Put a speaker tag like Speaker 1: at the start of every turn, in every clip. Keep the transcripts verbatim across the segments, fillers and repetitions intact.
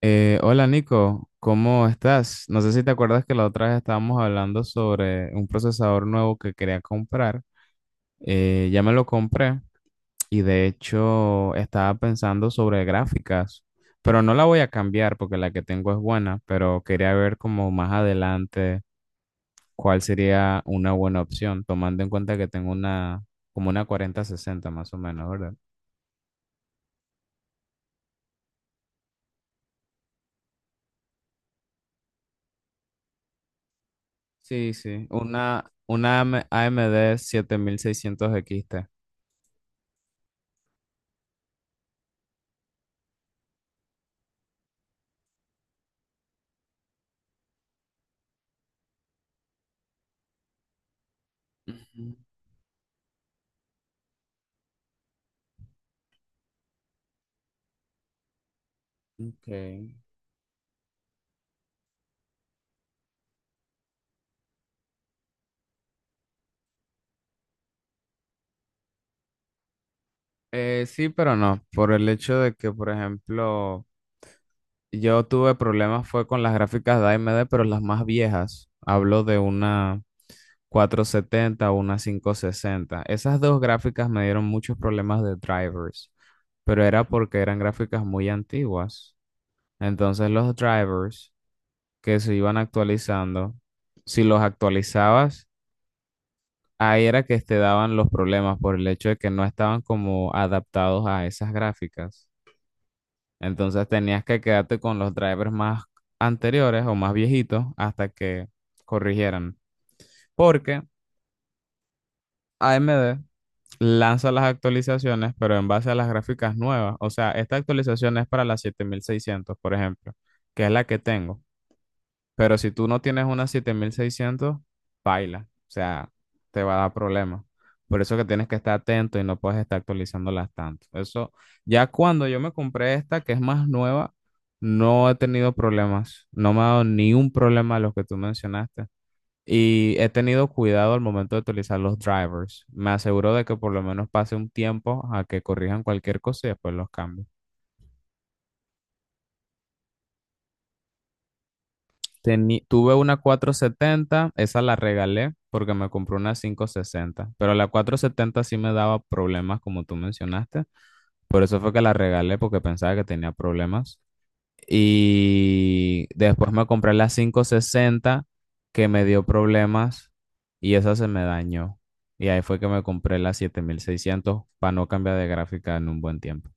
Speaker 1: Eh, hola Nico, ¿cómo estás? No sé si te acuerdas que la otra vez estábamos hablando sobre un procesador nuevo que quería comprar. Eh, ya me lo compré y de hecho estaba pensando sobre gráficas, pero no la voy a cambiar porque la que tengo es buena, pero quería ver como más adelante cuál sería una buena opción, tomando en cuenta que tengo una como una cuarenta sesenta más o menos, ¿verdad? Sí, sí, una, una AM- A M D siete mil seiscientos X T. Ujú. Okay. Eh, sí, pero no, por el hecho de que, por ejemplo, yo tuve problemas fue con las gráficas de A M D, pero las más viejas. Hablo de una cuatrocientos setenta o una quinientos sesenta. Esas dos gráficas me dieron muchos problemas de drivers, pero era porque eran gráficas muy antiguas. Entonces los drivers que se iban actualizando, si los actualizabas, ahí era que te daban los problemas por el hecho de que no estaban como adaptados a esas gráficas. Entonces tenías que quedarte con los drivers más anteriores o más viejitos hasta que corrigieran. Porque A M D lanza las actualizaciones, pero en base a las gráficas nuevas. O sea, esta actualización es para la siete mil seiscientos, por ejemplo, que es la que tengo. Pero si tú no tienes una siete mil seiscientos, baila. O sea, te va a dar problemas. Por eso que tienes que estar atento y no puedes estar actualizándolas tanto. Eso, ya cuando yo me compré esta, que es más nueva, no he tenido problemas. No me ha dado ni un problema de los que tú mencionaste. Y he tenido cuidado al momento de utilizar los drivers. Me aseguro de que por lo menos pase un tiempo a que corrijan cualquier cosa y después los cambio. Teni- tuve una cuatrocientos setenta, esa la regalé porque me compré una quinientos sesenta, pero la cuatrocientos setenta sí me daba problemas como tú mencionaste, por eso fue que la regalé porque pensaba que tenía problemas. Y después me compré la quinientos sesenta que me dio problemas y esa se me dañó. Y ahí fue que me compré la siete mil seiscientos para no cambiar de gráfica en un buen tiempo.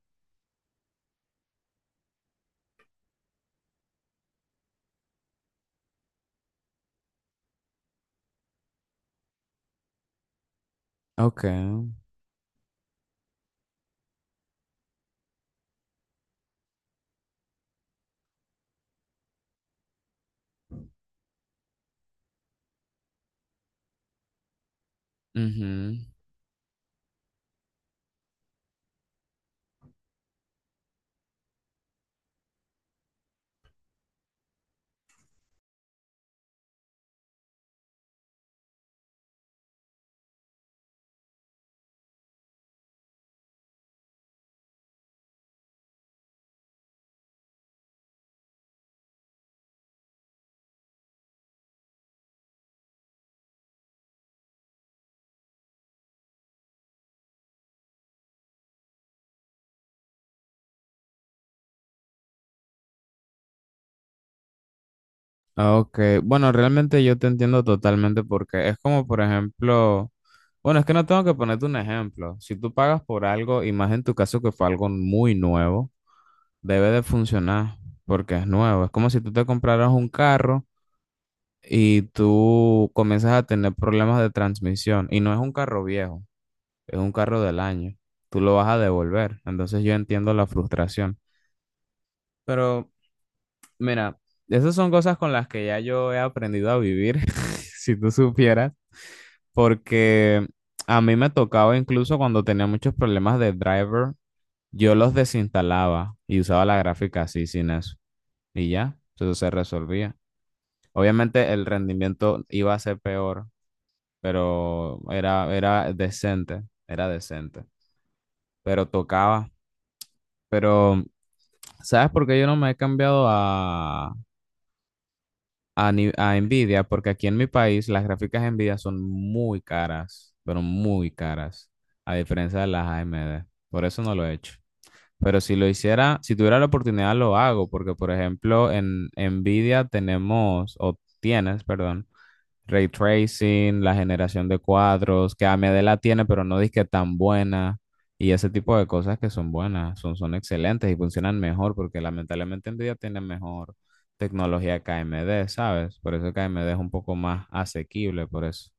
Speaker 1: Ok. Ujú. Ah, ok, bueno, realmente yo te entiendo totalmente porque es como, por ejemplo, bueno, es que no tengo que ponerte un ejemplo. Si tú pagas por algo, y más en tu caso que fue algo muy nuevo, debe de funcionar porque es nuevo. Es como si tú te compraras un carro y tú comienzas a tener problemas de transmisión y no es un carro viejo, es un carro del año. Tú lo vas a devolver. Entonces yo entiendo la frustración. Pero mira, esas son cosas con las que ya yo he aprendido a vivir. Si tú supieras. Porque a mí me tocaba incluso cuando tenía muchos problemas de driver, yo los desinstalaba y usaba la gráfica así sin eso. Y ya, eso se resolvía. Obviamente el rendimiento iba a ser peor, pero era, era decente, era decente, pero tocaba. Pero, ¿sabes por qué yo no me he cambiado a a, ni- a Nvidia? Porque aquí en mi país las gráficas Nvidia son muy caras, pero muy caras, a diferencia de las A M D. Por eso no lo he hecho. Pero si lo hiciera, si tuviera la oportunidad, lo hago, porque por ejemplo, en Nvidia tenemos, o tienes, perdón, ray tracing, la generación de cuadros, que A M D la tiene, pero no dice que tan buena. Y ese tipo de cosas que son buenas, son, son excelentes y funcionan mejor, porque lamentablemente Nvidia tiene mejor tecnología que A M D, ¿sabes? Por eso que A M D es un poco más asequible, por eso.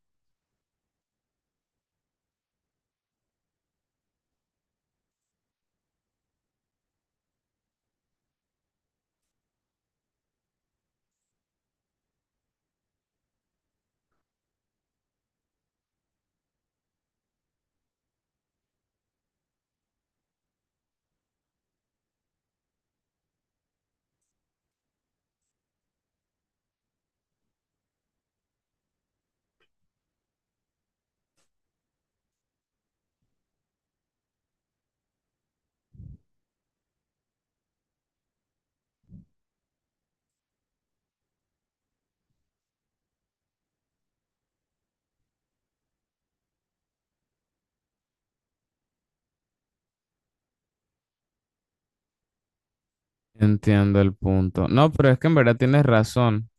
Speaker 1: Entiendo el punto. No, pero es que en verdad tienes razón.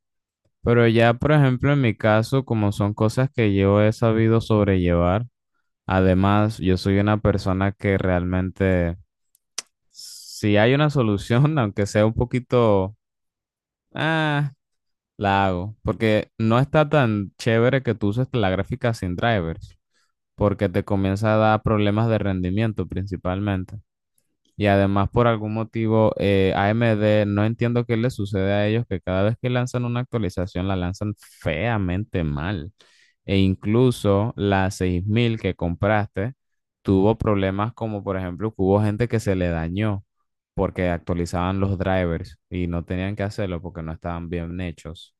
Speaker 1: Pero ya, por ejemplo, en mi caso, como son cosas que yo he sabido sobrellevar, además, yo soy una persona que realmente si hay una solución, aunque sea un poquito, ah, la hago, porque no está tan chévere que tú uses la gráfica sin drivers, porque te comienza a dar problemas de rendimiento principalmente. Y además, por algún motivo, eh, A M D, no entiendo qué le sucede a ellos, que cada vez que lanzan una actualización la lanzan feamente mal. E incluso la seis mil que compraste tuvo problemas como, por ejemplo, que hubo gente que se le dañó porque actualizaban los drivers y no tenían que hacerlo porque no estaban bien hechos.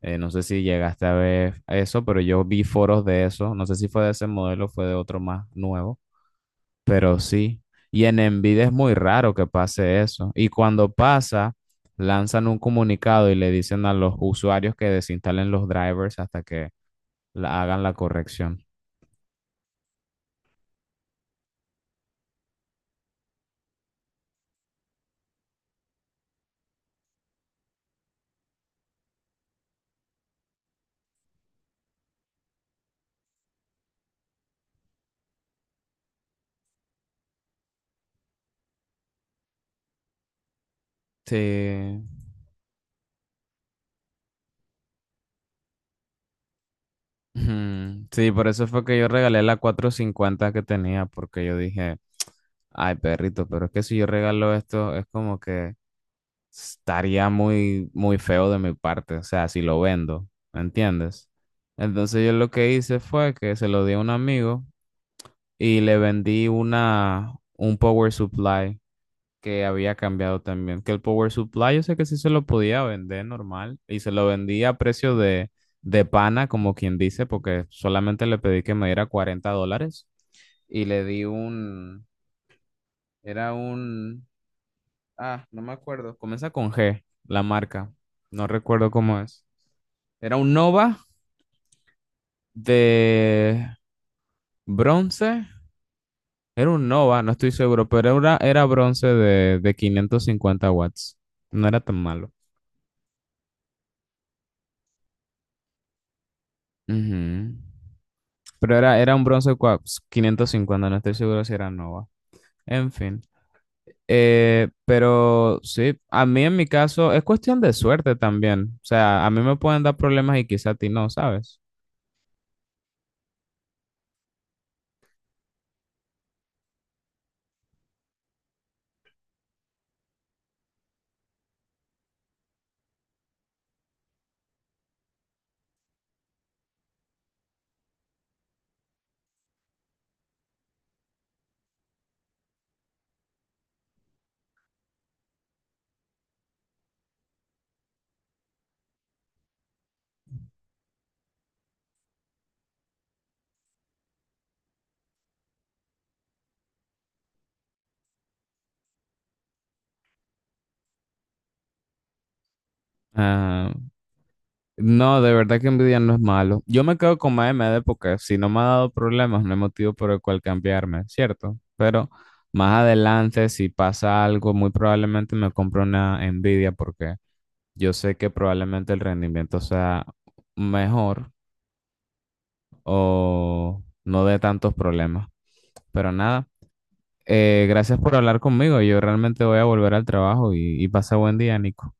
Speaker 1: Eh, no sé si llegaste a ver eso, pero yo vi foros de eso. No sé si fue de ese modelo o fue de otro más nuevo, pero sí, y en Envidia es muy raro que pase eso. Y cuando pasa, lanzan un comunicado y le dicen a los usuarios que desinstalen los drivers hasta que la- hagan la corrección. Sí. Ujú. Sí, por eso fue que yo regalé la cuatrocientos cincuenta que tenía, porque yo dije, ay, perrito, pero es que si yo regalo esto, es como que estaría muy, muy feo de mi parte, o sea, si lo vendo, ¿me entiendes? Entonces yo lo que hice fue que se lo di a un amigo y le vendí una, un power supply que había cambiado también. Que el power supply yo sé que sí se lo podía vender normal y se lo vendí a precio de, de pana, como quien dice, porque solamente le pedí que me diera cuarenta dólares y le di un, era un, ah, no me acuerdo, comienza con G, la marca, no recuerdo cómo es. Era un Nova de bronce. Era un Nova, no estoy seguro, pero era, una- era bronce de, de quinientos cincuenta watts. No era tan malo. Ujú. Pero era, era un bronce cua- pues, quinientos cincuenta, no estoy seguro si era Nova. En fin. Eh, pero sí, a mí en mi caso es cuestión de suerte también. O sea, a mí me pueden dar problemas y quizá a ti no, ¿sabes? Ah, no, de verdad que envidia no es malo. Yo me quedo con M Maemede porque si no me ha dado problemas, no hay motivo por el cual cambiarme, ¿cierto? Pero más adelante, si pasa algo, muy probablemente me compro una Nvidia porque yo sé que probablemente el rendimiento sea mejor o no dé tantos problemas. Pero nada, eh, gracias por hablar conmigo. Yo realmente voy a volver al trabajo y, y pasa buen día, Nico.